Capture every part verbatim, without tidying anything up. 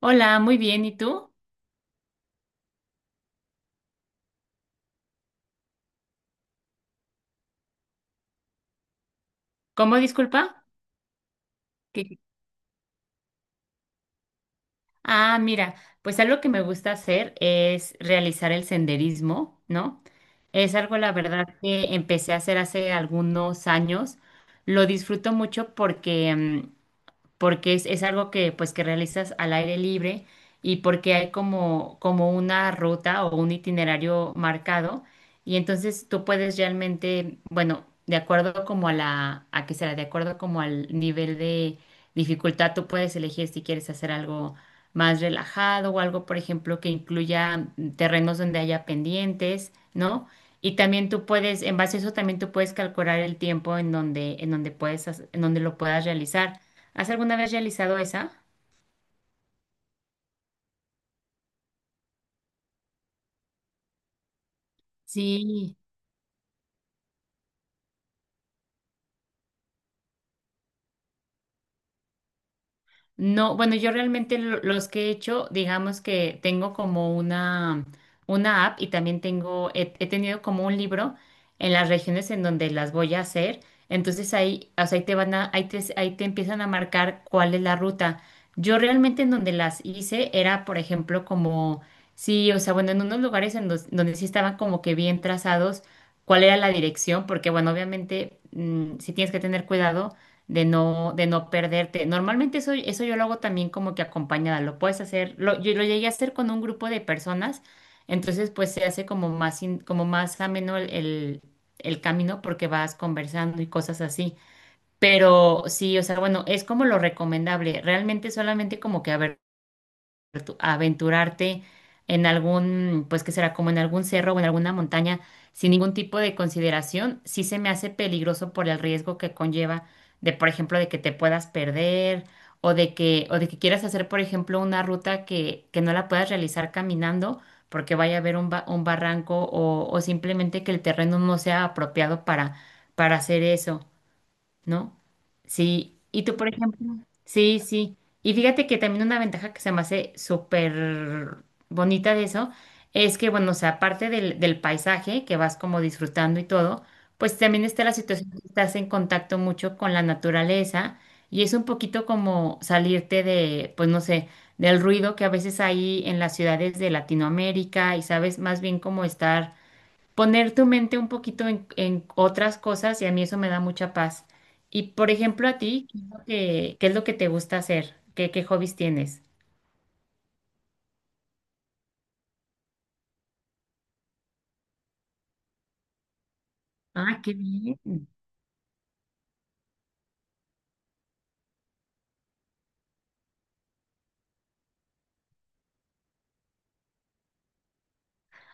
Hola, muy bien. ¿Y tú? ¿Cómo disculpa? ¿Qué- Ah, mira, pues algo que me gusta hacer es realizar el senderismo, ¿no? Es algo, la verdad, que empecé a hacer hace algunos años. Lo disfruto mucho porque mm, porque es, es algo que pues que realizas al aire libre y porque hay como, como una ruta o un itinerario marcado y entonces tú puedes realmente, bueno, de acuerdo como a la, a qué será, de acuerdo como al nivel de dificultad, tú puedes elegir si quieres hacer algo más relajado o algo, por ejemplo, que incluya terrenos donde haya pendientes, ¿no? Y también tú puedes, en base a eso, también tú puedes calcular el tiempo en donde, en donde puedes, hac- en donde lo puedas realizar. ¿Has alguna vez realizado esa? Sí. No, bueno, yo realmente lo- los que he hecho, digamos que tengo como una, una app y también tengo, he, he tenido como un libro en las regiones en donde las voy a hacer. Entonces ahí, o sea, ahí te van a, ahí te, ahí te empiezan a marcar cuál es la ruta. Yo realmente en donde las hice era, por ejemplo, como, sí, o sea, bueno, en unos lugares en dos- donde sí estaban como que bien trazados cuál era la dirección, porque bueno, obviamente si sí tienes que tener cuidado de no, de no perderte. Normalmente eso, eso yo lo hago también como que acompañada, lo puedes hacer, lo, yo lo llegué a hacer con un grupo de personas, entonces pues se hace como más, in- como más ameno el, el, el camino porque vas conversando y cosas así. Pero sí, o sea, bueno, es como lo recomendable, realmente solamente como que a ver tu- aventurarte en algún, pues que será como en algún cerro o en alguna montaña sin ningún tipo de consideración, sí se me hace peligroso por el riesgo que conlleva de, por ejemplo, de que te puedas perder o de que, o de que quieras hacer, por ejemplo, una ruta que, que no la puedas realizar caminando porque vaya a haber un, ba- un barranco o, o simplemente que el terreno no sea apropiado para, para hacer eso. ¿No? Sí, y tú, por ejemplo, sí, sí. Y fíjate que también una ventaja que se me hace súper bonita de eso es que, bueno, o sea, aparte del, del paisaje que vas como disfrutando y todo, pues también está la situación que estás en contacto mucho con la naturaleza y es un poquito como salirte de, pues no sé, del ruido que a veces hay en las ciudades de Latinoamérica y sabes, más bien como estar poner tu mente un poquito en, en otras cosas y a mí eso me da mucha paz. Y por ejemplo, a ti, ¿qué es lo que, qué es lo que te gusta hacer? ¿Qué, qué hobbies tienes? Ah, qué bien.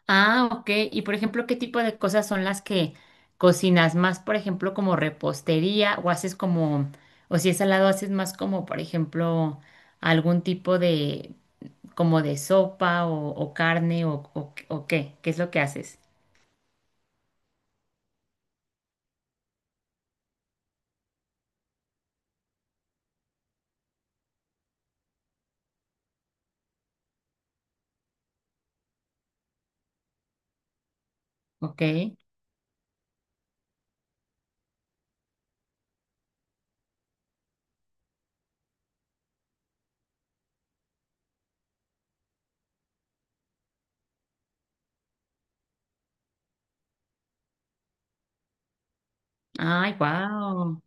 Ah, ok. Y por ejemplo, ¿qué tipo de cosas son las que cocinas más, por ejemplo, como repostería o haces como, o si es salado, haces más como, por ejemplo, algún tipo de, como de sopa o, o carne o, o, o qué? ¿Qué es lo que haces? Ok. Ay, wow.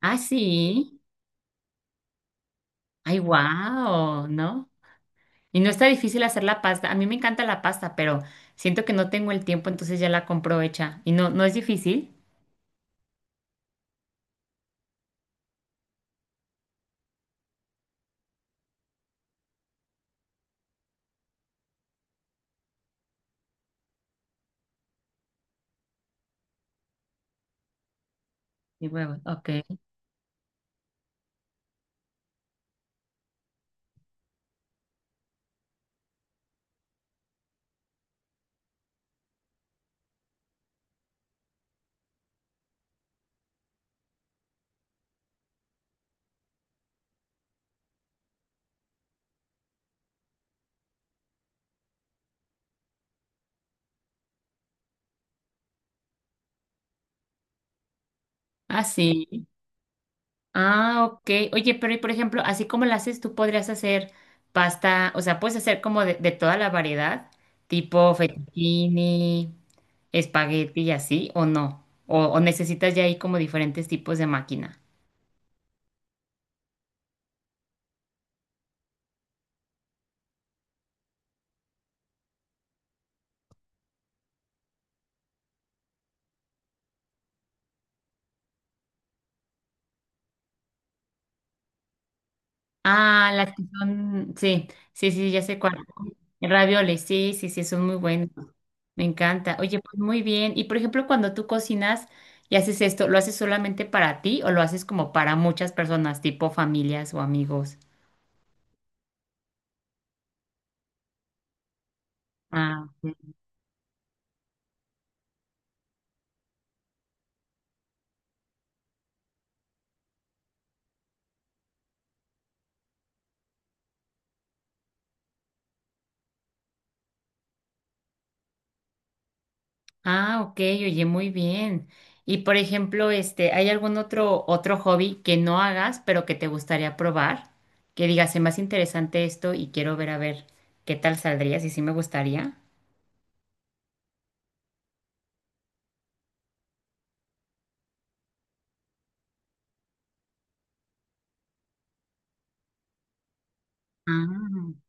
Ah, sí. Ay, wow, ¿no? Y no está difícil hacer la pasta. A mí me encanta la pasta, pero siento que no tengo el tiempo, entonces ya la compro hecha. Y no, no es difícil. Y huevo, ok. Ah, sí. Ah, ok. Oye, pero y por ejemplo, así como la haces, tú podrías hacer pasta, o sea, puedes hacer como de, de toda la variedad, tipo fettuccini, espagueti y así, o no. O, o necesitas ya ahí como diferentes tipos de máquina. Ah, las que son, sí, sí, sí, ya sé cuál. Ravioles, sí, sí, sí, son muy buenos. Me encanta. Oye, pues muy bien. Y por ejemplo, cuando tú cocinas y haces esto, ¿lo haces solamente para ti o lo haces como para muchas personas, tipo familias o amigos? Ah, ok. Ah, ok, oye, muy bien. Y por ejemplo, este, ¿hay algún otro otro hobby que no hagas, pero que te gustaría probar? Que digas, es más interesante esto y quiero ver a ver qué tal saldría, si sí me gustaría. Ah.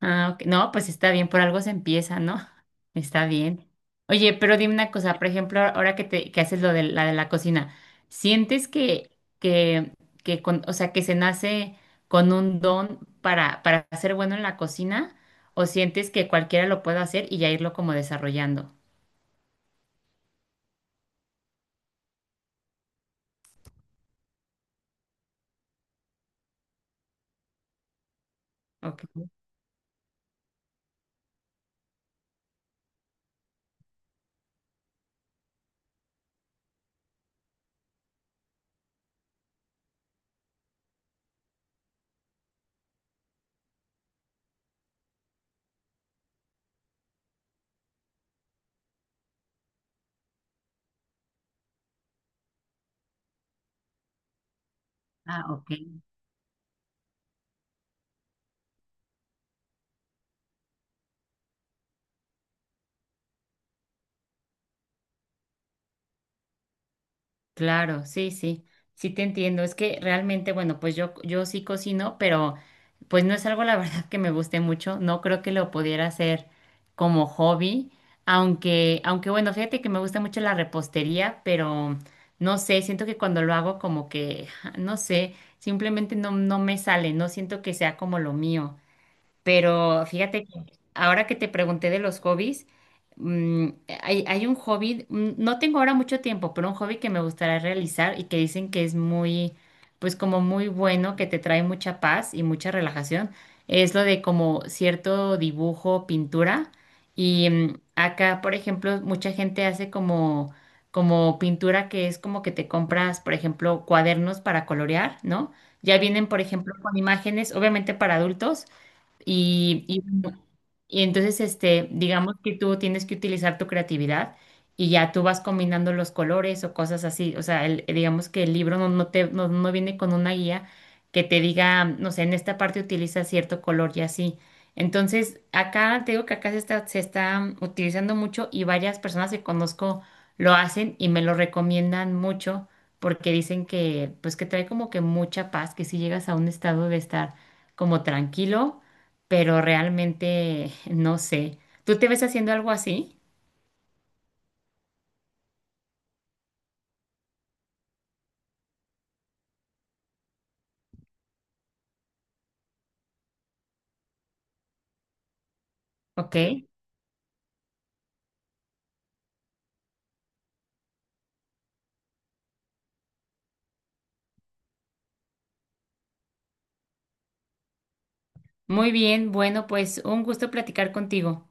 Ah, ok. No, pues está bien, por algo se empieza, ¿no? Está bien. Oye, pero dime una cosa, por ejemplo, ahora que te, que haces lo de la de la cocina, ¿sientes que, que, que con, o sea, que se nace con un don para, para ser bueno en la cocina? ¿O sientes que cualquiera lo puede hacer y ya irlo como desarrollando? Ok. Ah, ok. Claro, sí, sí, sí te entiendo. Es que realmente, bueno, pues yo, yo sí cocino, pero pues no es algo la verdad que me guste mucho. No creo que lo pudiera hacer como hobby, aunque, aunque bueno, fíjate que me gusta mucho la repostería, pero no sé, siento que cuando lo hago como que, no sé, simplemente no, no me sale, no siento que sea como lo mío. Pero fíjate que ahora que te pregunté de los hobbies, mm, hay, hay un hobby, mm, no tengo ahora mucho tiempo, pero un hobby que me gustaría realizar y que dicen que es muy, pues como muy bueno, que te trae mucha paz y mucha relajación, es lo de como cierto dibujo, pintura. Y mm, acá, por ejemplo, mucha gente hace como, como pintura que es como que te compras, por ejemplo, cuadernos para colorear, ¿no? Ya vienen, por ejemplo, con imágenes, obviamente para adultos y, y bueno, y entonces, este, digamos que tú tienes que utilizar tu creatividad y ya tú vas combinando los colores o cosas así. O sea, el- digamos que el libro no, no te, no, no viene con una guía que te diga, no sé, en esta parte utiliza cierto color y así. Entonces, acá te digo que acá se está, se está utilizando mucho y varias personas que conozco lo hacen y me lo recomiendan mucho porque dicen que, pues que trae como que mucha paz, que si llegas a un estado de estar como tranquilo pero realmente no sé. ¿Tú te ves haciendo algo así? Ok. Muy bien, bueno, pues un gusto platicar contigo.